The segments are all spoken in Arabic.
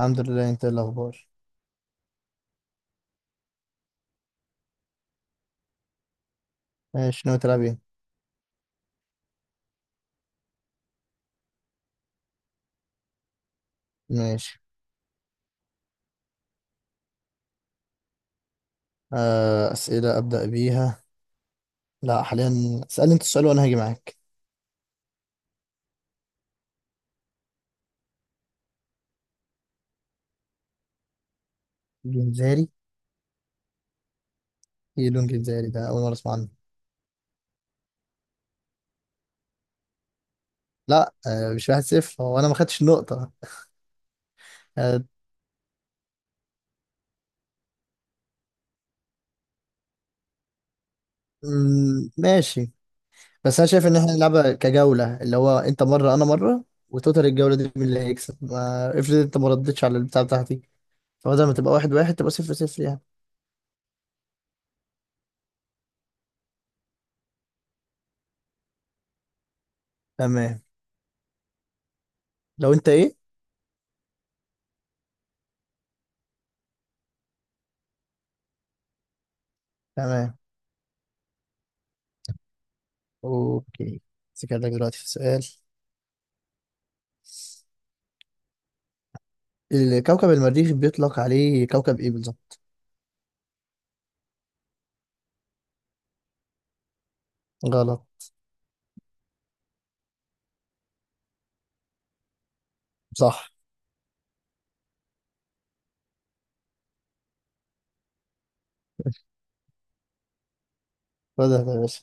الحمد لله، انت ايه الاخبار؟ ماشي، ناوي تلعب ايه؟ ماشي. آه، اسئله ابدا بيها. لا حاليا، اسالني انت السؤال وانا هاجي معاك. جنزاري؟ ايه لون جنزاري ده؟ اول مره اسمع عنه. لا، آه مش واحد صفر، هو انا ما خدتش النقطه. آه. ماشي. بس انا شايف ان احنا نلعبها كجوله، اللي هو انت مره انا مره، وتوتال الجوله دي مين اللي هيكسب. ما افرض انت ما ردتش على البتاع بتاعتي، فبدل ما تبقى واحد واحد تبقى صفر صفر يعني. تمام. لو انت ايه. تمام. اوكي. سكرتك دلوقتي في سؤال. الكوكب المريخ بيطلق عليه كوكب ايه بالظبط؟ غلط. صح. بدأ يا باشا.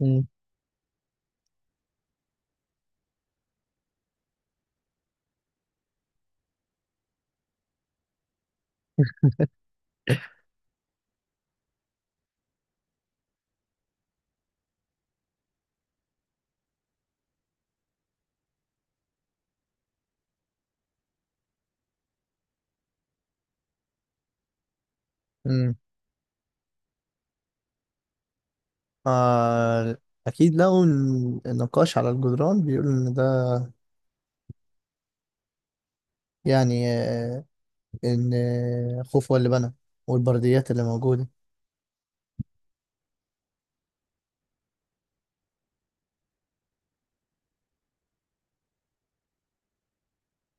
مم. مم. آه، اكيد لقوا النقاش على الجدران بيقول ان ده، يعني آه، ان، خوف هو اللي بنى، والبرديات اللي موجوده.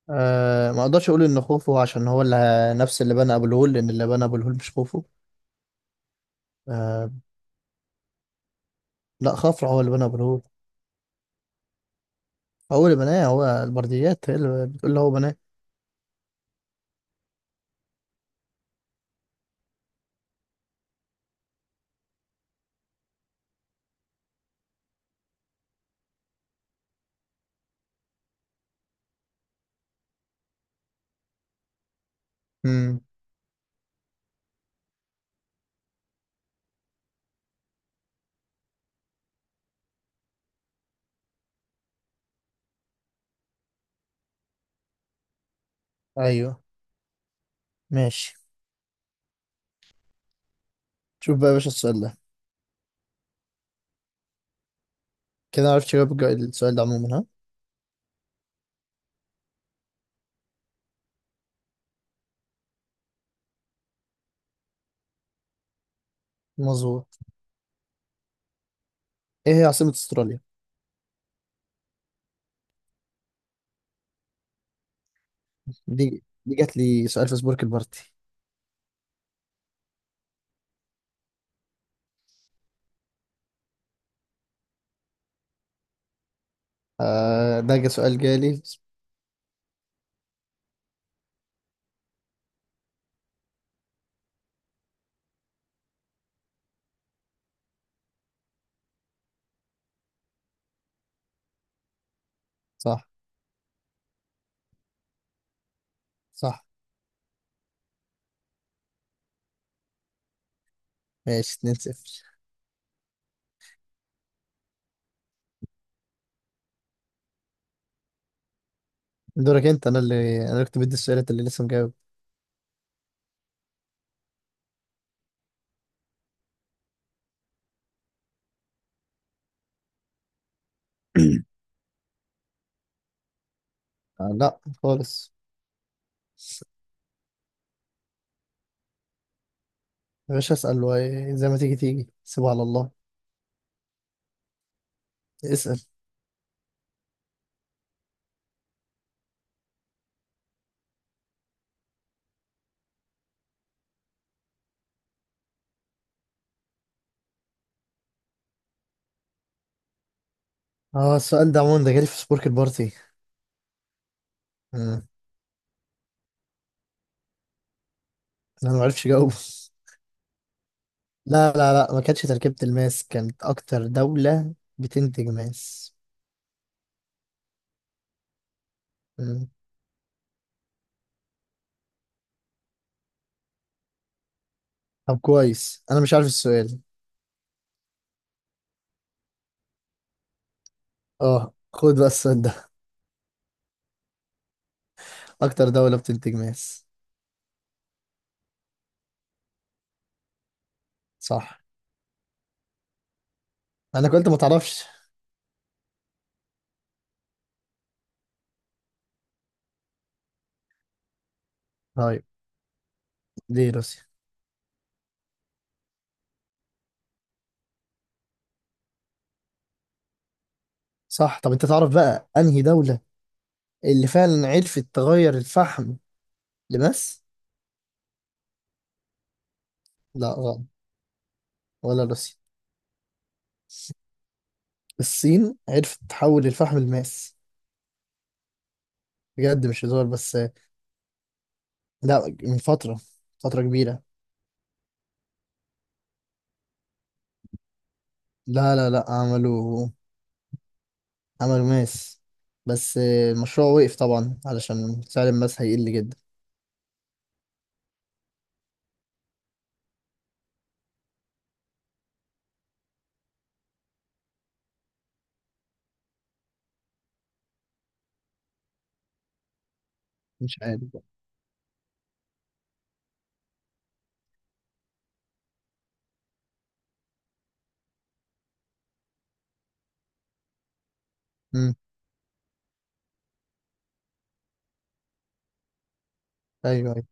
آه، ما اقدرش اقول ان خوفو عشان هو اللي نفس اللي بنى ابو الهول، لان اللي بنى ابو الهول مش خوفو. آه، لا خفرع هو اللي بنى ابو الهول. هو اللي بناه، هو البرديات هي اللي بتقول هو بناه. مم. ايوه، ماشي. شوف بقى يا باشا السؤال ده، كده عرفت جواب السؤال ده عموما، ها؟ مظبوط. ايه هي عاصمة استراليا؟ دي جات لي سؤال في سبورك البارتي. آه ده جا سؤال جالي. صح. صح. ماشي، 2-0. دورك انت. انا اللي كنت بدي السؤال، انت اللي لسه مجاوب. آه لا خالص. يا باشا اسأل، زي ما تيجي تيجي سيبها على الله. اسأل. اه، السؤال ده عموما ده جالي في سبورك البارتي. مم. انا ما عرفش اجاوبه. لا لا لا، ما كانتش تركيبة الماس، كانت اكتر دولة بتنتج ماس. طب كويس انا مش عارف السؤال. اه، خد بقى السؤال ده. اكتر دولة بتنتج ماس. صح. انا قلت ما تعرفش. طيب. دي روسيا. صح. طب انت تعرف بقى انهي دولة اللي فعلا عرفت تغير الفحم لماس؟ لا غلط. ولا روسيا. الصين عرفت تحول الفحم لماس. بجد مش هزار. بس لا، من فترة، فترة كبيرة. لا لا لا، عملوا، عملوا ماس. بس المشروع وقف طبعا علشان سعر الماس هيقل جدا. مش عارف بقى. مم. ايوه، أيوه.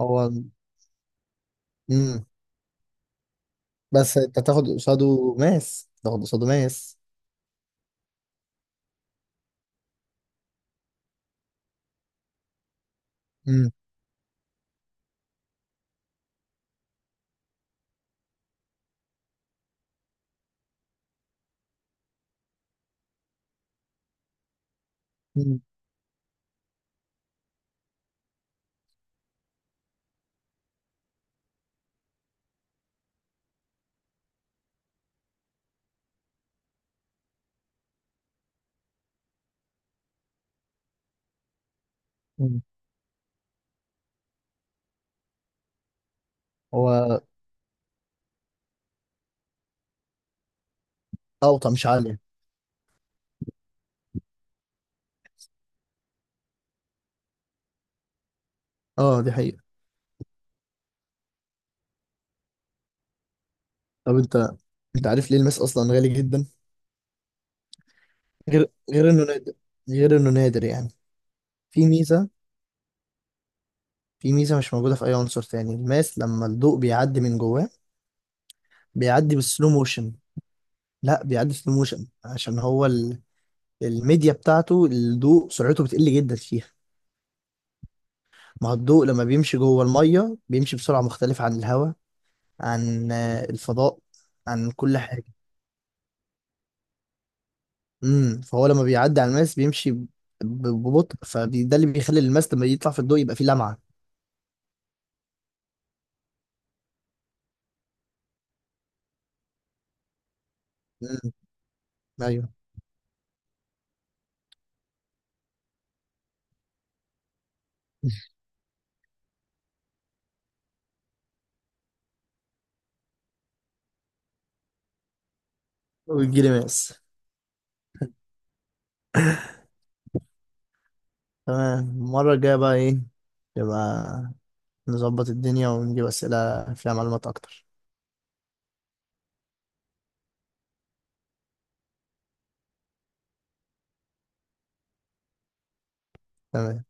هو. امم. بس انت تاخد قصاده ماس، تاخد قصاده ماس. امم. امم. أمم. هو اوطى مش عالية. اه دي حقيقة. طب انت عارف ليه الماس اصلا غالي جدا؟ غير انه نادر، غير انه نادر يعني. في ميزة. في ميزة مش موجودة في اي عنصر تاني، الماس لما الضوء بيعدي من جواه بيعدي بالسلو موشن. لا، بيعدي سلو موشن عشان هو ال... الميديا بتاعته الضوء سرعته بتقل جدا فيها. ما هو الضوء لما بيمشي جوه المية بيمشي بسرعة مختلفة عن الهواء، عن الفضاء، عن كل حاجة. امم. فهو لما بيعدي على الماس بيمشي ببطء، فده اللي بيخلي الماس لما يطلع في الضوء يبقى فيه لمعة. امم. ايوه. ويجيلي ماس. تمام. المرة الجاية بقى ايه، يبقى نظبط الدنيا ونجيب أسئلة فيها معلومات أكتر. تمام.